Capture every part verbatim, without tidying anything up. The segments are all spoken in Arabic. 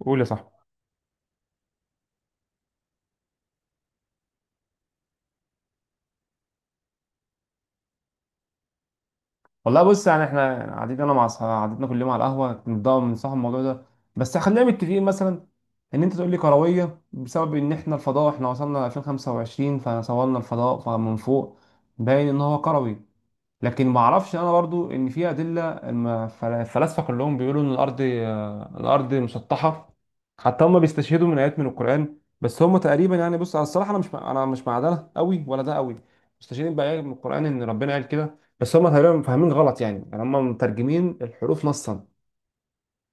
قول يا صاحبي. والله بص يعني احنا قعدتنا انا مع اصحابي قعدتنا كل يوم على القهوه كنت بنصحى الموضوع ده. بس خلينا متفقين مثلا ان انت تقول لي كرويه بسبب ان احنا الفضاء احنا وصلنا ألفين وخمسة وعشرين فصورنا الفضاء فمن فوق باين ان هو كروي. لكن ما اعرفش انا برضو ان في ادله الم- فل- الفلاسفه كلهم بيقولوا ان الارض آه، الارض مسطحه. حتى هم بيستشهدوا من ايات من القران بس هم تقريبا يعني بص على الصراحه انا مش مع- انا مش مع ده قوي ولا ده قوي. مستشهدين بايات من القران ان ربنا قال كده بس هم تقريبا فاهمين غلط يعني يعني هم مترجمين الحروف نصا.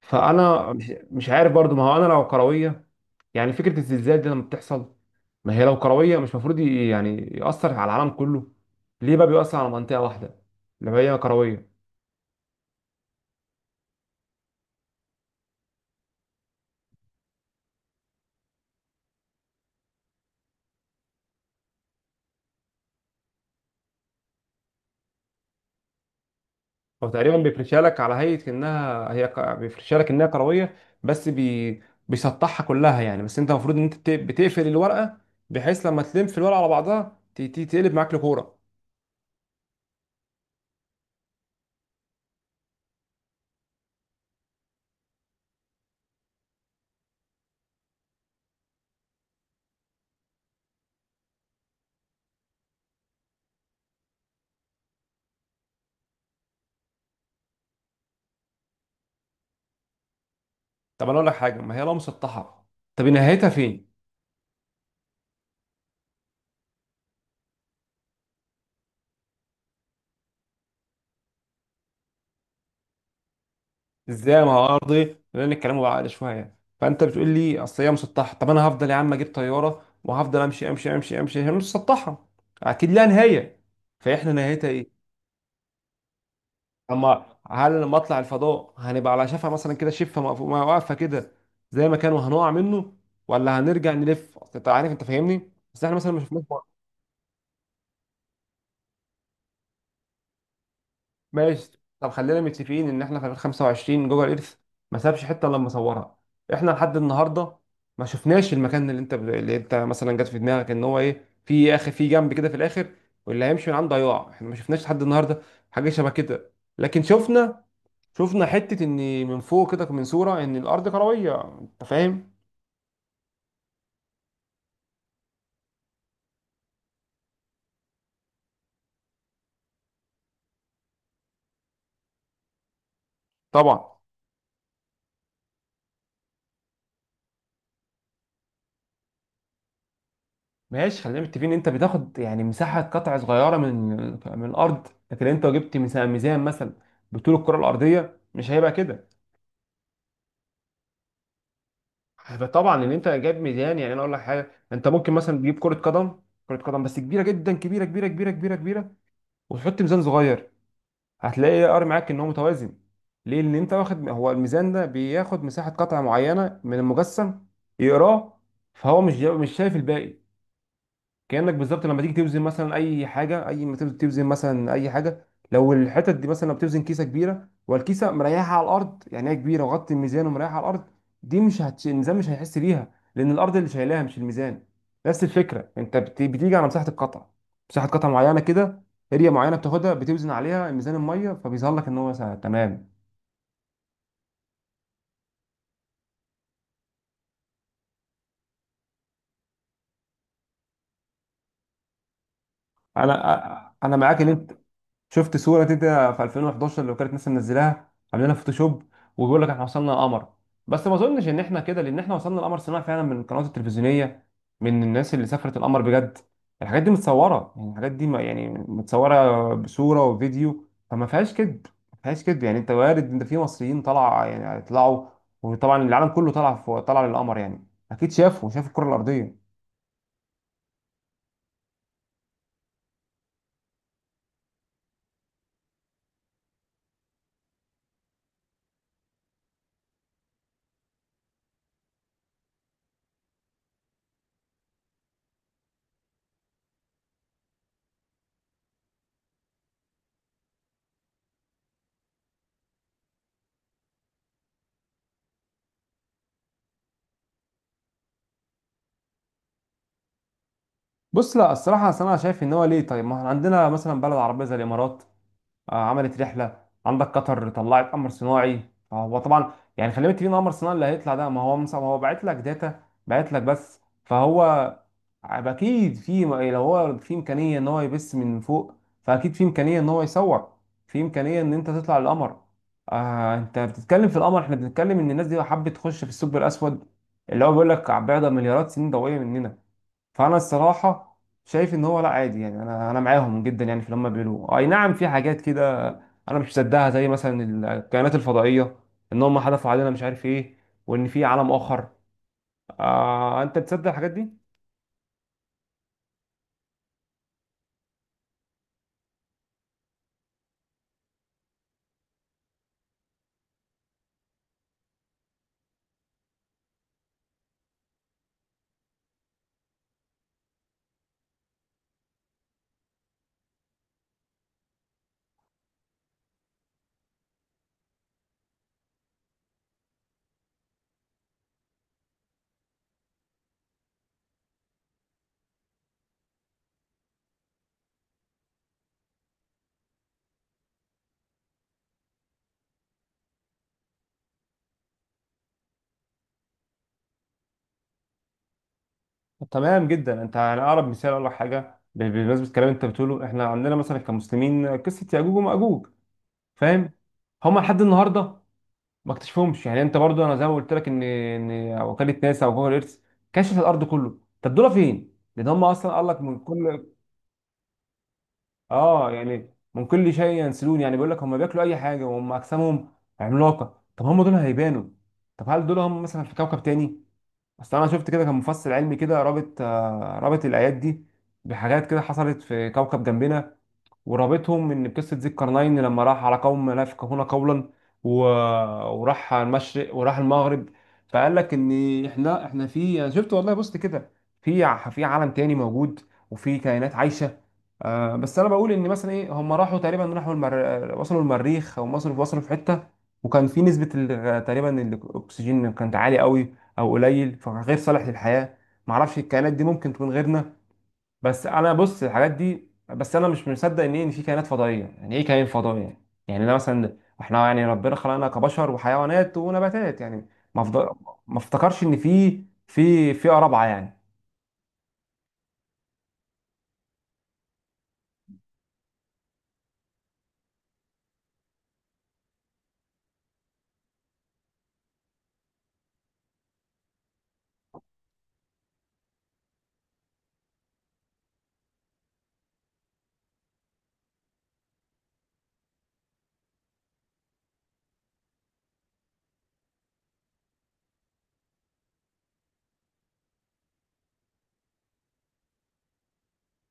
فانا مش مش عارف برضو ما هو انا لو كرويه. يعني فكره الزلزال دي لما بتحصل ما هي لو كرويه مش المفروض يعني ياثر على العالم كله. ليه بقى بيؤثر على منطقه واحده اللي هي كرويه؟ هو تقريبا بيفرشها لك على هيئة انها هي ك- بيفرشها لك انها كروية. بس بي... بيسطحها كلها يعني بس انت المفروض ان انت بت- بتقفل الورقة. بحيث لما تلم في الورقة على بعضها ت- ت- تقلب معاك لكورة. طب انا اقول لك حاجة ما هي لو مسطحة طب نهايتها فين؟ ازاي ما هو ارضي لان الكلام بعقل شوية. فانت بتقول لي اصل هي مسطحة طب انا هفضل يا عم اجيب طيارة وهفضل امشي امشي امشي امشي هي مش مسطحة. اكيد لها نهاية. فاحنا نهايتها ايه؟ اما هل لما اطلع الفضاء هنبقى على شفا مثلا كده شفه مقف- واقفه كده زي ما كان وهنقع منه ولا هنرجع نلف اصل انت عارف انت فاهمني بس احنا مثلا مش شفناش بره. ماشي. طب خلينا متفقين ان احنا في ألفين وخمسة وعشرين جوجل ايرث ما سابش حته الا لما صورها. احنا لحد النهارده ما شفناش المكان اللي انت اللي انت مثلا جت في دماغك ان هو ايه في اخر في جنب كده في الاخر. واللي هيمشي من عنده هيقع. احنا ما شفناش لحد النهارده حاجه شبه كده. لكن شفنا شفنا حتة ان من فوق كده من صورة ان الارض كروية. انت فاهم؟ طبعا. ماشي. خلينا متفقين ان انت بتاخد يعني مساحة قطع صغيرة من من الارض. لكن انت لو جبت ميزان ميزان مثلا بطول الكرة الارضية مش هيبقى كده. فطبعا ان انت جايب ميزان يعني انا اقول لك حاجة. انت ممكن مثلا تجيب كرة قدم. كرة قدم بس كبيرة جدا كبيرة كبيرة كبيرة كبيرة كبيرة وتحط ميزان صغير هتلاقي الار معاك ان هو متوازن. ليه؟ لان انت واخد هو الميزان ده بياخد مساحه قطعه معينه من المجسم يقراه. فهو مش جا- مش شايف الباقي. كأنك بالظبط لما تيجي توزن مثلا اي حاجه اي ما تيجي توزن مثلا اي حاجه لو الحتت دي مثلا لو بتوزن كيسه كبيره والكيسه مريحه على الارض يعني هي كبيره وغطي الميزان ومريحه على الارض. دي مش هتش... الميزان مش هيحس بيها لان الارض اللي شايلاها مش الميزان. نفس الفكره انت بت... بتيجي على مساحه القطعه. مساحه قطعه معينه كده اريا معينه بتاخدها بتوزن عليها ميزان الميه فبيظهر لك ان هو سا- تمام. انا أ- انا معاك ان انت شفت صوره كده في ألفين وإحدى عشر لو كانت ناس منزلاها عاملينها فوتوشوب وبيقول لك احنا وصلنا القمر. بس ما اظنش ان احنا كده لان احنا وصلنا القمر صناعي فعلا من القنوات التلفزيونيه. من الناس اللي سافرت القمر بجد الحاجات دي متصوره يعني الحاجات دي ما- يعني متصوره بصوره وفيديو فما فيهاش كذب. ما فيهاش كذب يعني انت وارد ان في مصريين طلع يعني طلعوا. وطبعا العالم كله طلع في طلع للقمر يعني اكيد شافوا شاف الكره الارضيه. بص لا الصراحه أصل انا شايف ان هو ليه طيب ما احنا عندنا مثلا بلد عربيه زي الامارات آه، عملت رحله. عندك قطر طلعت قمر صناعي. فهو طبعا يعني خلي بالك مين القمر الصناعي اللي هيطلع ده. ما هو مص- هو باعت لك داتا باعت لك بس. فهو اكيد في لو هو في امكانيه ان هو يبث من فوق. فاكيد في امكانيه ان هو يصور. في امكانيه ان انت تطلع القمر. آه انت بتتكلم في القمر احنا بنتكلم ان الناس دي حابه تخش في الثقب الاسود اللي هو بيقول لك بعد مليارات سنين ضوئيه مننا. فانا الصراحه شايف ان هو لا عادي يعني انا انا معاهم جدا يعني في اللي هم بيقولوه. اي نعم في حاجات كده انا مش مصدقها زي مثلا الكائنات الفضائيه ان هم حدفوا علينا مش عارف ايه وان في عالم اخر. آه انت بتصدق الحاجات دي؟ تمام جدا. انت يعني اقرب مثال اقول لك حاجه ب- بمناسبه الكلام انت بتقوله. احنا عندنا مثلا كمسلمين قصه ياجوج وماجوج. فاهم؟ هما لحد النهارده ما اكتشفهمش. يعني انت برضو انا زي ما قلت لك ان ان وكاله ناسا او جوجل ايرث كشفت الارض كله. طب دول فين؟ لان هم اصلا قال لك من كل. اه. يعني من كل شيء ينسلون. يعني بيقول لك هم بياكلوا اي حاجه وهم اجسامهم عملاقه. طب هم دول هيبانوا؟ طب هل دول هم مثلا في كوكب تاني؟ اصل انا شفت كده كان مفصل علمي كده رابط آه رابط الايات دي بحاجات كده حصلت في كوكب جنبنا. ورابطهم ان بقصه ذي القرنين لما راح على قوم لا يفقهون قولا و... وراح على المشرق وراح المغرب. فقال لك ان احنا احنا في انا شفت والله بصت كده في ع- في عالم تاني موجود. وفي كائنات عايشه. آه بس انا بقول ان مثلا ايه. هم راحوا تقريبا راحوا المر... وصلوا المريخ او وصلوا وصلوا في حته. وكان في نسبه ال... تقريبا الاكسجين كانت عاليه قوي او قليل فغير صالح للحياه. معرفش الكائنات دي ممكن تكون غيرنا. بس انا بص الحاجات دي بس انا مش مصدق ان إيه ان في كائنات فضائيه. يعني ايه كائن فضائي يعني؟ يعني انا مثلا احنا يعني ربنا خلقنا كبشر وحيوانات ونباتات. يعني ما أفض- ما افتكرش ان في في في رابعه يعني.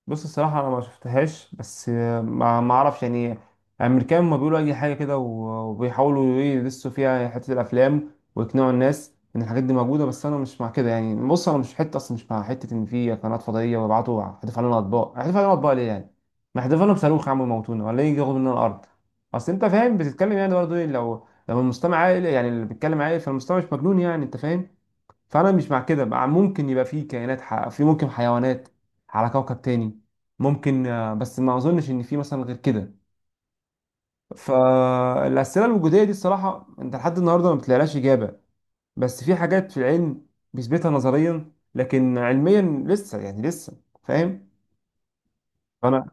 بص الصراحة أنا ما شفتهاش. بس آه، ما ما أعرفش يعني. الأمريكان ما بيقولوا أي حاجة كده و- وبيحاولوا إيه يدسوا فيها حتة الأفلام. ويقنعوا الناس إن الحاجات دي موجودة. بس أنا مش مع كده يعني بص أنا مش حتة أصلا مش مع حتة إن في قنوات فضائية ويبعتوا هتدفع لنا أطباق هتدفع لنا أطباق ليه يعني؟ ما هتدفع لنا بصاروخ يا عم يموتونا ولا يجي ياخد مننا الأرض. أصل أنت فاهم بتتكلم يعني برضه إيه لو لو المستمع عاقل. يعني اللي بيتكلم عاقل فالمستمع مش مجنون. يعني أنت فاهم؟ فانا مش مع كده. مع ممكن يبقى في كائنات ح... في ممكن حيوانات على كوكب تاني ممكن. آه، بس ما اظنش ان في مثلا غير كده. فالاسئله الوجوديه دي الصراحه انت لحد النهارده ما بتلاقيلهاش اجابه. بس في حاجات في العلم بيثبتها نظريا لكن علميا لسه. يعني لسه فاهم. فانا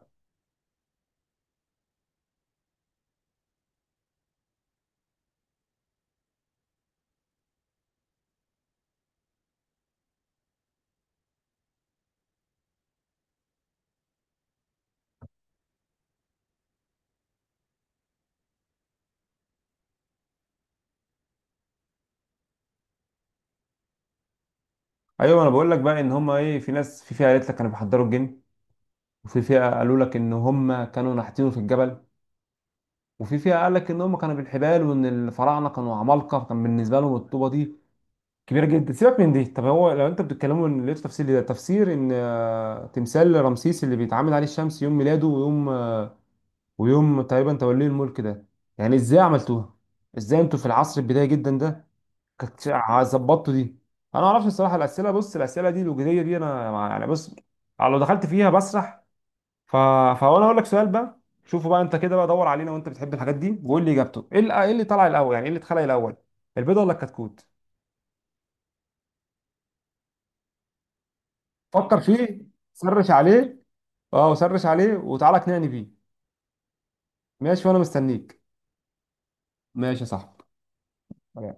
ايوه. انا بقول لك بقى ان هم ايه. في ناس في فئه قالت لك كانوا بيحضروا الجن. وفي فئه قالوا لك ان هم كانوا نحتينه في الجبل. وفي فئه قال لك ان هم كانوا بالحبال وان الفراعنه كانوا عمالقه كان بالنسبه لهم الطوبه دي كبيره جدا. سيبك من دي. طب هو لو انت بتتكلموا ان لقيتوا تفسير ده تفسير ان آه، تمثال رمسيس اللي بيتعامد عليه الشمس يوم ميلاده ويوم آه، ويوم تقريبا توليه الملك ده. يعني ازاي عملتوها. ازاي انتوا في العصر البدايه جدا ده كنت شا- ظبطتوا دي. انا ما اعرفش الصراحه الاسئله بص الاسئله دي الوجوديه دي انا مع- يعني بص لو دخلت فيها بسرح ف... فانا اقول لك سؤال بقى. شوفوا بقى انت كده بقى دور علينا وانت بتحب الحاجات دي وقول لي اجابته ايه اللي إيه اللي طلع الاول. يعني ايه اللي اتخلق الاول البيضه ولا الكتكوت؟ فكر فيه. سرش عليه. اه. وسرش عليه وتعالى اقنعني بيه. ماشي. وانا مستنيك. ماشي يا صاحبي.